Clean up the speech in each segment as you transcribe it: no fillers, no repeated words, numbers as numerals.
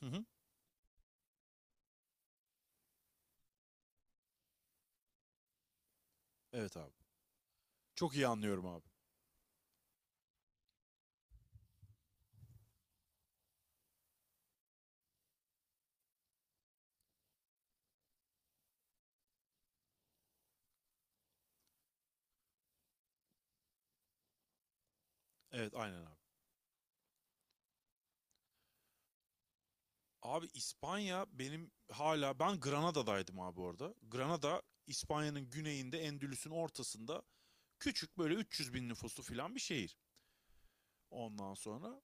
Hı hı. Evet abi. Çok iyi anlıyorum abi. Evet aynen abi. Abi İspanya benim hala ben Granada'daydım abi orada. Granada İspanya'nın güneyinde Endülüs'ün ortasında küçük böyle 300 bin nüfuslu filan bir şehir. Ondan sonra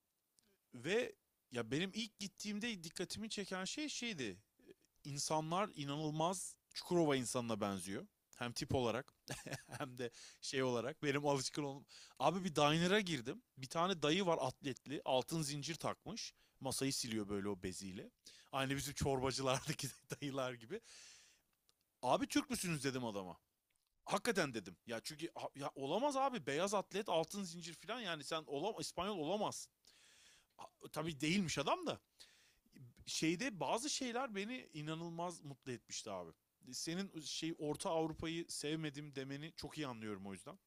Ve ya benim ilk gittiğimde dikkatimi çeken şeydi. İnsanlar inanılmaz Çukurova insanına benziyor. Hem tip olarak hem de şey olarak benim alışkın olum. Abi bir diner'a girdim. Bir tane dayı var atletli. Altın zincir takmış. Masayı siliyor böyle o beziyle. Aynı bizim çorbacılardaki dayılar gibi. Abi Türk müsünüz dedim adama. Hakikaten dedim. Ya çünkü ya olamaz abi beyaz atlet altın zincir falan yani sen olam İspanyol olamazsın. Ha, tabii değilmiş adam da şeyde bazı şeyler beni inanılmaz mutlu etmişti abi. Senin şey Orta Avrupa'yı sevmedim demeni çok iyi anlıyorum o yüzden.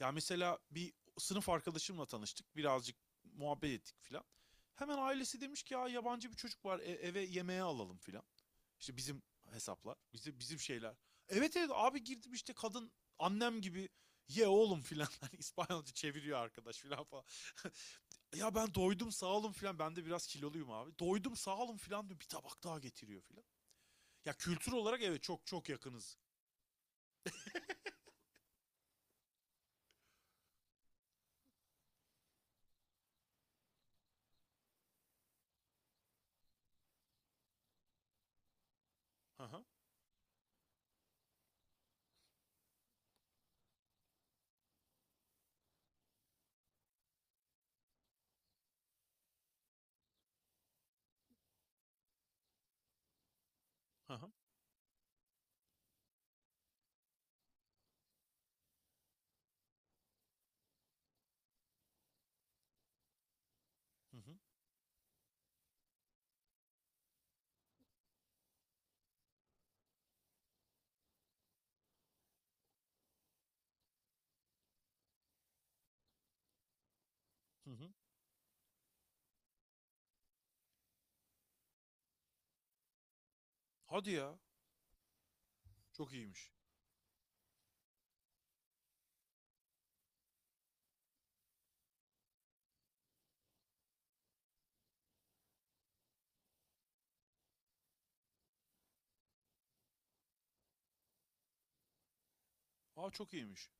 Ya mesela bir sınıf arkadaşımla tanıştık. Birazcık muhabbet ettik filan. Hemen ailesi demiş ki ya yabancı bir çocuk var eve yemeğe alalım filan. İşte bizim hesaplar, bizim şeyler. Evet evet abi girdim işte kadın annem gibi ye oğlum filan hani İspanyolca çeviriyor arkadaş filan falan. Ya ben doydum sağ olun filan. Ben de biraz kiloluyum abi. Doydum sağ olun filan diyor. Bir tabak daha getiriyor filan. Ya kültür olarak evet çok çok yakınız. Hı hı. Hı hı. Hı hı. Hı hı. Hadi ya. Çok iyiymiş. Aa çok iyiymiş.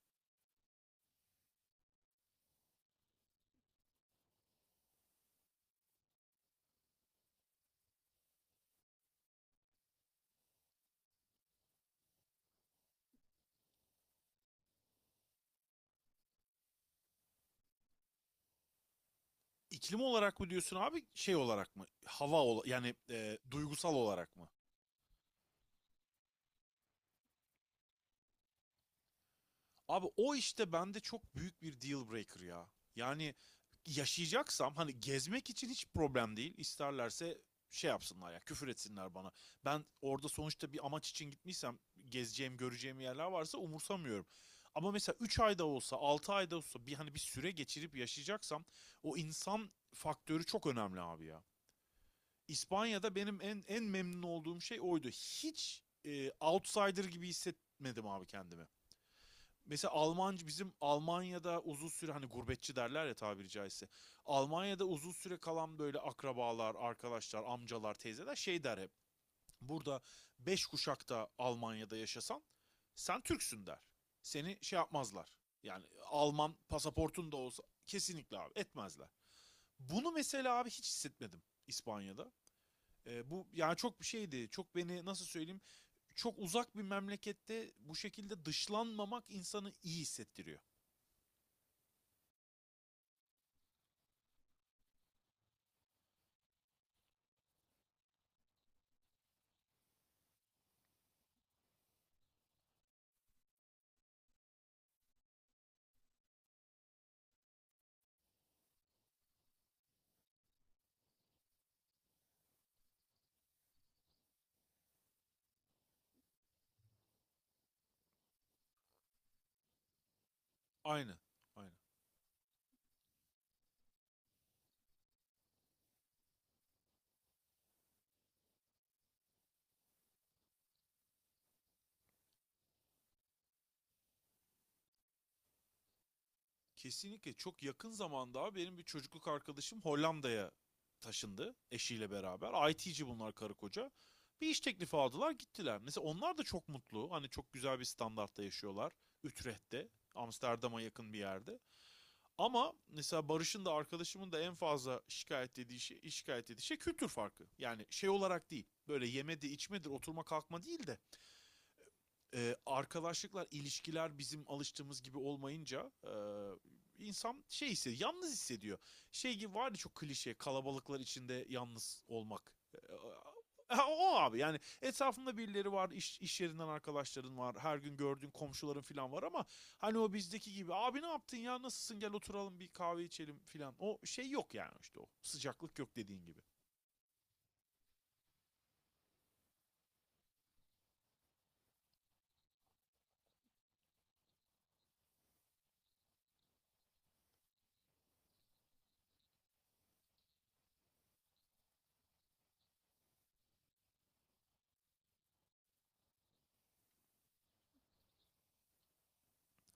İklim olarak mı diyorsun abi şey olarak mı? Yani duygusal olarak mı? Abi o işte bende çok büyük bir deal breaker ya. Yani yaşayacaksam hani gezmek için hiç problem değil. İsterlerse şey yapsınlar ya küfür etsinler bana. Ben orada sonuçta bir amaç için gitmiysem gezeceğim göreceğim yerler varsa umursamıyorum. Ama mesela 3 ayda olsa 6 ayda olsa bir hani bir süre geçirip yaşayacaksam o insan faktörü çok önemli abi ya. İspanya'da benim en memnun olduğum şey oydu. Hiç outsider gibi hissetmedim abi kendimi. Mesela Almancı bizim Almanya'da uzun süre hani gurbetçi derler ya tabiri caizse. Almanya'da uzun süre kalan böyle akrabalar, arkadaşlar, amcalar, teyzeler şey der hep. Burada beş kuşakta Almanya'da yaşasan sen Türksün der. Seni şey yapmazlar. Yani Alman pasaportun da olsa kesinlikle abi etmezler. Bunu mesela abi hiç hissetmedim İspanya'da. E, bu yani çok bir şeydi. Çok beni nasıl söyleyeyim? Çok uzak bir memlekette bu şekilde dışlanmamak insanı iyi hissettiriyor. Aynı. Aynı. Kesinlikle çok yakın zamanda abi benim bir çocukluk arkadaşım Hollanda'ya taşındı eşiyle beraber. IT'ci bunlar karı koca. Bir iş teklifi aldılar gittiler. Mesela onlar da çok mutlu. Hani çok güzel bir standartta yaşıyorlar. Utrecht'te. Amsterdam'a yakın bir yerde. Ama mesela Barış'ın da arkadaşımın da en fazla şikayet dediği şey, şikayet ettiği şey kültür farkı. Yani şey olarak değil. Böyle yemedir, içmedir, oturma kalkma değil de arkadaşlıklar, ilişkiler bizim alıştığımız gibi olmayınca insan şey hissediyor, yalnız hissediyor. Şey gibi vardı çok klişe, kalabalıklar içinde yalnız olmak. O abi yani etrafında birileri var, iş yerinden arkadaşların var, her gün gördüğün komşuların falan var ama hani o bizdeki gibi abi ne yaptın ya nasılsın gel oturalım bir kahve içelim falan. O şey yok yani işte o sıcaklık yok dediğin gibi.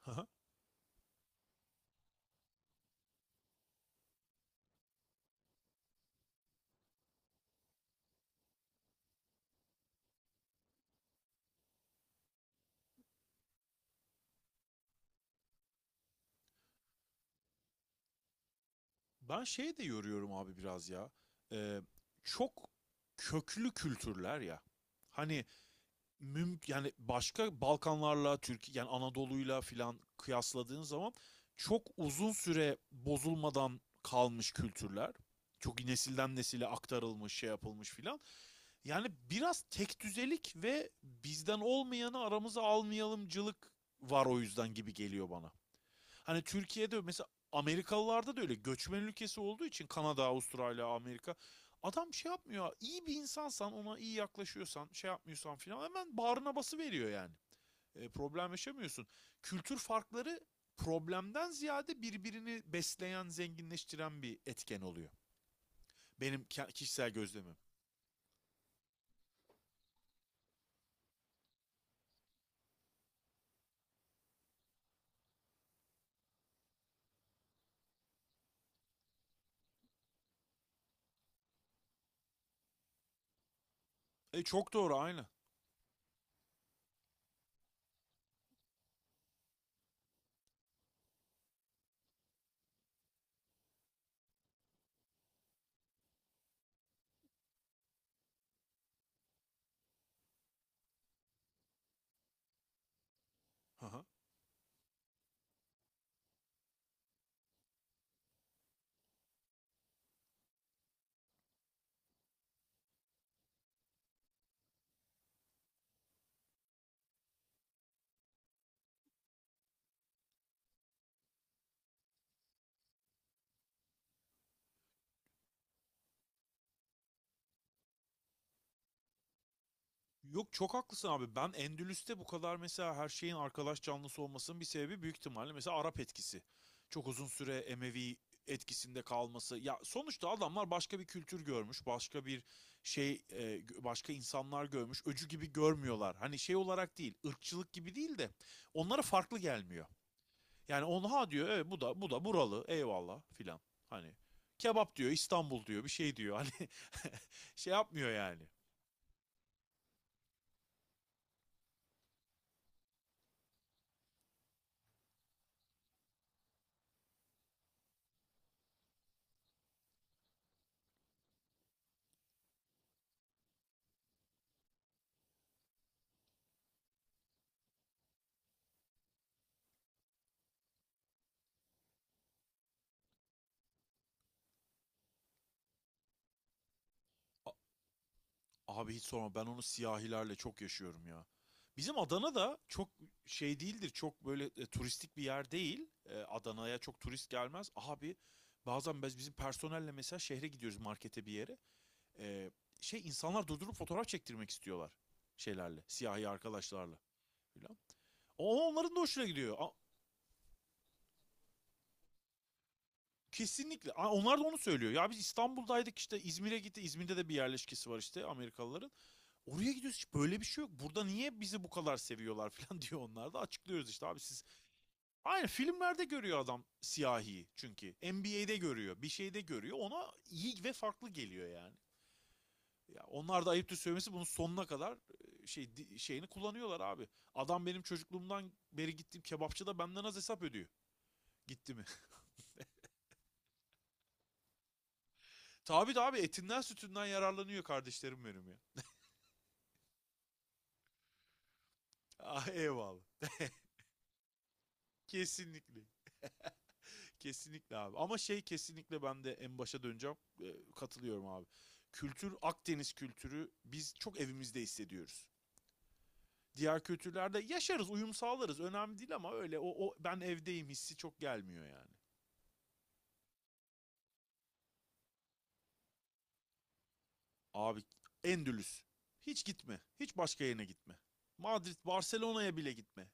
Ben şey de yoruyorum abi biraz ya. Ee, Çok köklü kültürler ya. Hani mümkün yani başka Balkanlarla Türkiye yani Anadolu'yla filan kıyasladığın zaman çok uzun süre bozulmadan kalmış kültürler. Çok nesilden nesile aktarılmış, şey yapılmış filan. Yani biraz tek düzelik ve bizden olmayanı aramıza almayalımcılık var o yüzden gibi geliyor bana. Hani Türkiye'de mesela Amerikalılarda da öyle göçmen ülkesi olduğu için Kanada, Avustralya, Amerika. Adam şey yapmıyor. İyi bir insansan, ona iyi yaklaşıyorsan, şey yapmıyorsan filan hemen bağrına bası veriyor yani. E, problem yaşamıyorsun. Kültür farkları problemden ziyade birbirini besleyen, zenginleştiren bir etken oluyor. Benim kişisel gözlemim. E çok doğru aynı. Hı hı. Yok çok haklısın abi. Ben Endülüs'te bu kadar mesela her şeyin arkadaş canlısı olmasının bir sebebi büyük ihtimalle mesela Arap etkisi. Çok uzun süre Emevi etkisinde kalması. Ya sonuçta adamlar başka bir kültür görmüş, başka şey, e, başka insanlar görmüş. Öcü gibi görmüyorlar. Hani şey olarak değil, ırkçılık gibi değil de onlara farklı gelmiyor. Yani onu diyor, evet bu da buralı. Eyvallah filan. Hani kebap diyor, İstanbul diyor, bir şey diyor. Hani şey yapmıyor yani. A- Abi hiç sorma ben onu siyahilerle çok yaşıyorum ya. Bizim Adana da çok şey değildir. Çok böyle turistik bir yer değil. E, Adana'ya çok turist gelmez. Abi bazen bizim personelle mesela şehre gidiyoruz markete bir yere. E, Şey insanlar durdurup fotoğraf çektirmek istiyorlar şeylerle, siyahi arkadaşlarla filan. O onların da hoşuna gidiyor. Kesinlikle. Onlar da onu söylüyor. Ya biz İstanbul'daydık işte İzmir'e gitti. İzmir'de de bir yerleşkesi var işte Amerikalıların. Oraya gidiyoruz hiç böyle bir şey yok. Burada niye bizi bu kadar seviyorlar falan diyor onlar da açıklıyoruz işte abi siz. Aynen filmlerde görüyor adam siyahi çünkü. NBA'de görüyor bir şeyde görüyor ona iyi ve farklı geliyor yani. Ya onlar da ayıptır söylemesi bunun sonuna kadar şeyini kullanıyorlar abi. Adam benim çocukluğumdan beri gittiğim kebapçıda benden az hesap ödüyor. Gitti mi? Tabii de abi etinden sütünden yararlanıyor kardeşlerim benim ya. Ah, eyvallah. Kesinlikle. Kesinlikle abi. Ama şey kesinlikle ben de en başa döneceğim. Katılıyorum abi. Kültür, Akdeniz kültürü biz çok evimizde hissediyoruz. Diğer kültürlerde yaşarız, uyum sağlarız. Önemli değil ama öyle o ben evdeyim hissi çok gelmiyor yani. Abi Endülüs. Hiç gitme. Hiç başka yerine gitme. Madrid, Barcelona'ya bile gitme.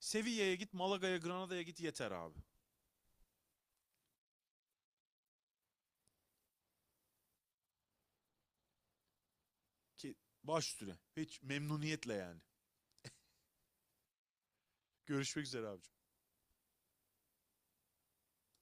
Sevilla'ya git, Malaga'ya, Granada'ya git yeter abi. Ki baş üstüne. Hiç memnuniyetle yani. Görüşmek üzere abi.